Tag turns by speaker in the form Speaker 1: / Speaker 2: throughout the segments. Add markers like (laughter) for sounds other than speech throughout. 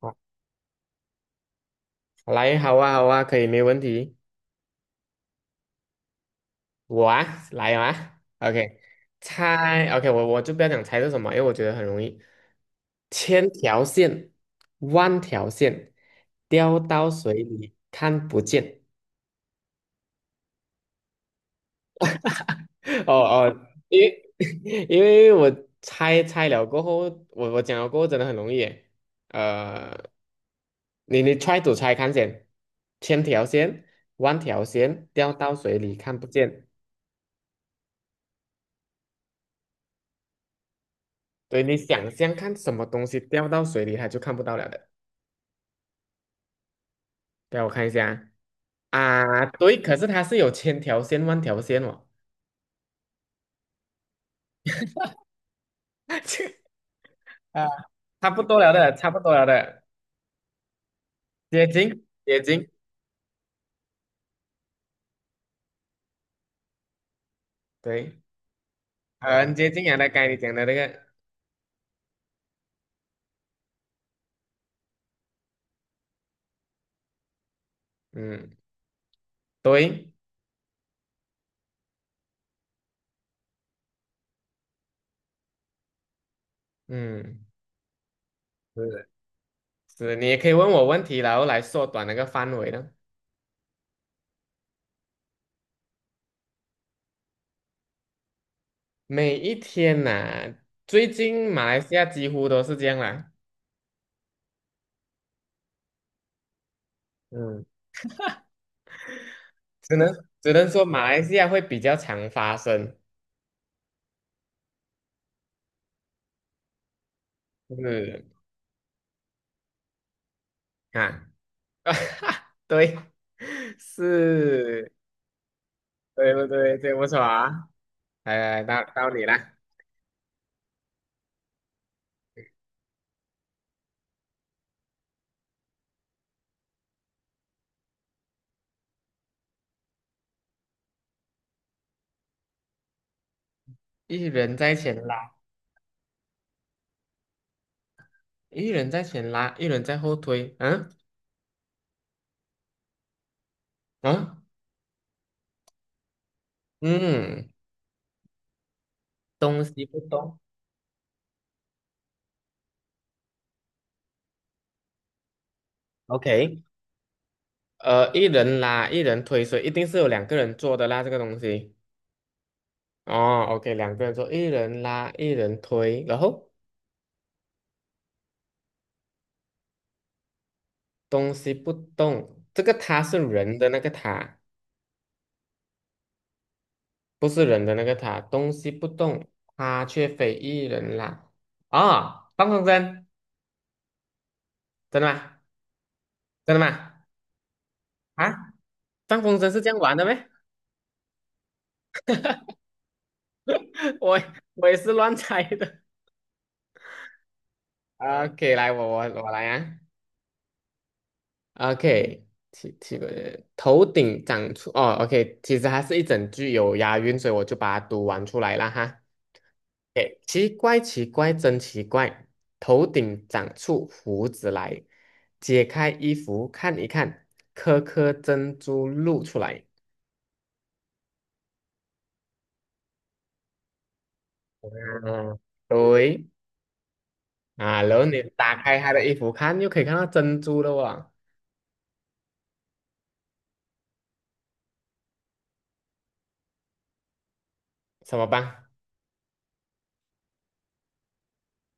Speaker 1: 好来，好啊，好啊，可以，没问题。我啊，来啊，OK，猜，OK，我就不要讲猜是什么，因为我觉得很容易。千条线，万条线，掉到水里看不见。(laughs) 哦哦，因为 (laughs) 因为我猜了过后，我讲了过后真的很容易耶。呃，你 try to 猜看见，千条线，万条线，掉到水里看不见。对，你想象看什么东西掉到水里，它就看不到了的。对，我看一下啊，啊对，可是它是有千条线、万条线哦。(laughs) 啊，差不多了的，差不多了的，接近，接近，对，很接近啊，大概你讲的那个，嗯，对，嗯，是是，你也可以问我问题，然后来缩短那个范围呢。每一天呐、最近马来西亚几乎都是这样啦，嗯，只能只能说马来西亚会比较常发生，是。啊，(laughs) 对，是，对不对？对不错啊，来到你啦，一人在前拉，一人在前拉，一人在后推，嗯嗯嗯，东西不动，OK，一人拉，一人推，所以一定是有两个人做的啦，这个东西，哦，OK，两个人做，一人拉，一人推，然后东西不动，这个它是人的那个它。不是人的那个塔，东西不动，它却非一人啦。哦，放风筝，真的吗？真的吗？啊，放风筝是这样玩的咩？(laughs) 我我也是乱猜的。OK，来，我来啊。OK，奇怪的，头顶长出哦，OK，其实还是一整句有押韵，所以我就把它读完出来了哈。OK，奇怪，奇怪，真奇怪，头顶长出胡子来，解开衣服看一看，颗颗珍珠露出来。嗯，对啊，然后你打开他的衣服看，又可以看到珍珠了哇，什么棒？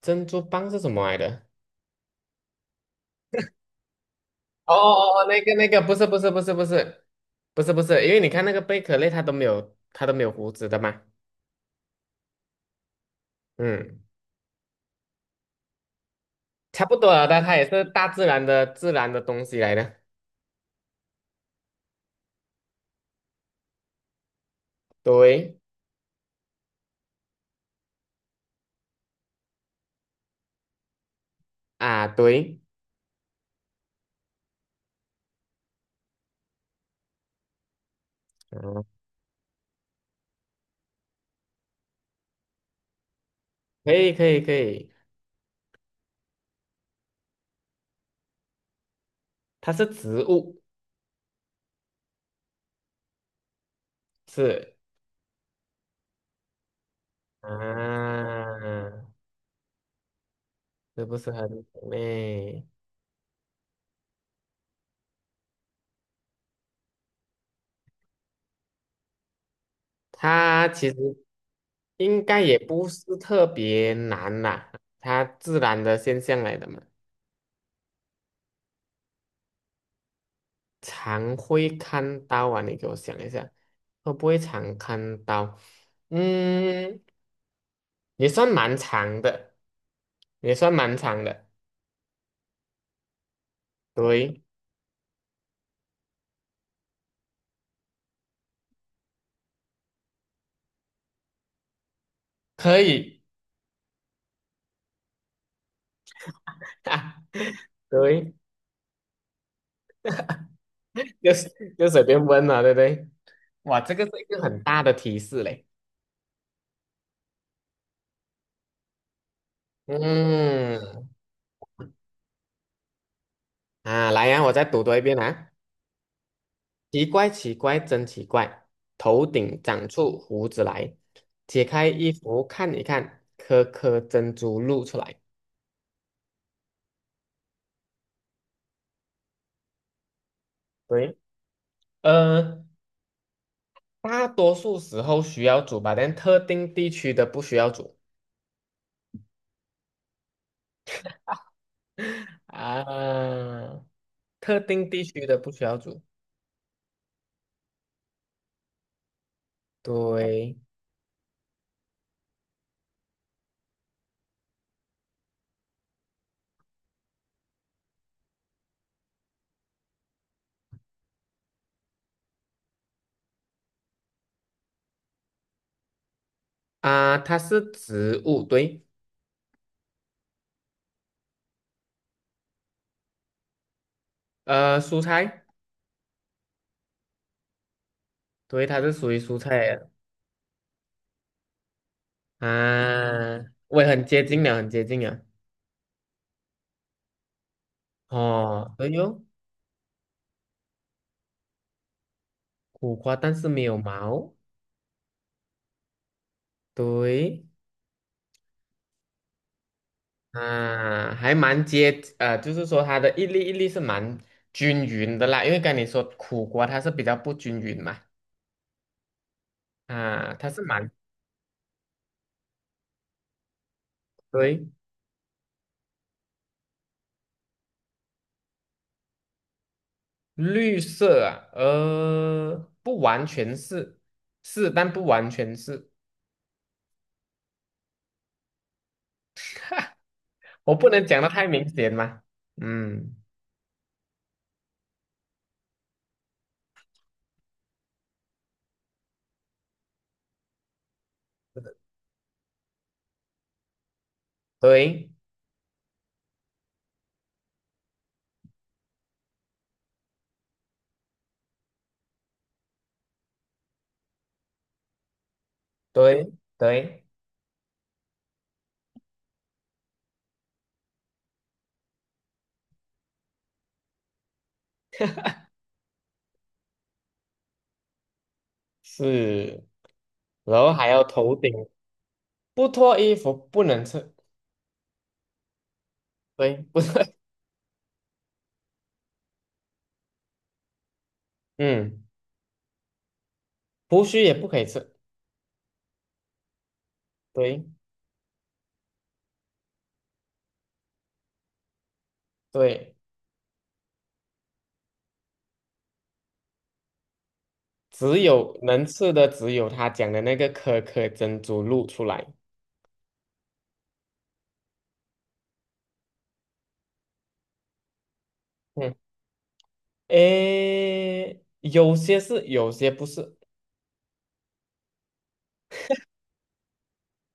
Speaker 1: 珍珠棒是什么来的？哦哦哦，那个不是不是不是不是不是不是，因为你看那个贝壳类，它都没有胡子的嘛，嗯，差不多了的，它也是大自然的自然的东西来的，对啊对，嗯，可以可以可以，它是植物是啊，是不是很美？它其实应该也不是特别难啦，它自然的现象来的嘛，常会看到啊，你给我想一下，会不会常看到？嗯，也算蛮长的，也算蛮长的，对，可以，(laughs) 哈，对，就是就随便问了，对不对？哇，这个是一个很大的提示嘞。嗯，啊，来呀、我再读多一遍啊。奇怪，奇怪，真奇怪，头顶长出胡子来，解开衣服看一看，颗颗珍珠露出来。对。呃，大多数时候需要煮吧，但特定地区的不需要煮 (laughs) 啊，特定地区的不需要煮。对啊，它是植物，对，蔬菜，对，它是属于蔬菜的啊，我也很接近了，很接近了。哦，对哟，苦瓜，但是没有毛，对。啊，还蛮接，就是说它的一粒一粒是蛮均匀的啦，因为跟你说苦瓜它是比较不均匀嘛，啊，它是蛮对绿色啊，不完全是，但不完全是，我不能讲的太明显嘛，嗯，对对对，是，然后还有头顶不脱衣服不能吃，对，不是，(laughs) 嗯，胡须也不可以吃，对对。只有能吃的只有他讲的那个可可珍珠露出来。嗯，诶，有些是，有些不是。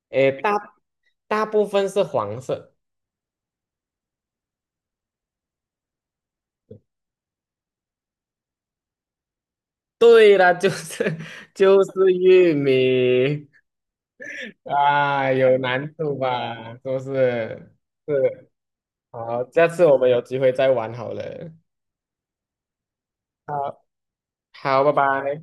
Speaker 1: 诶，大部分是黄色。对了，就是 (laughs) 就是玉米啊，有难度吧？是不是？是，好，下次我们有机会再玩好了。好，好，拜拜。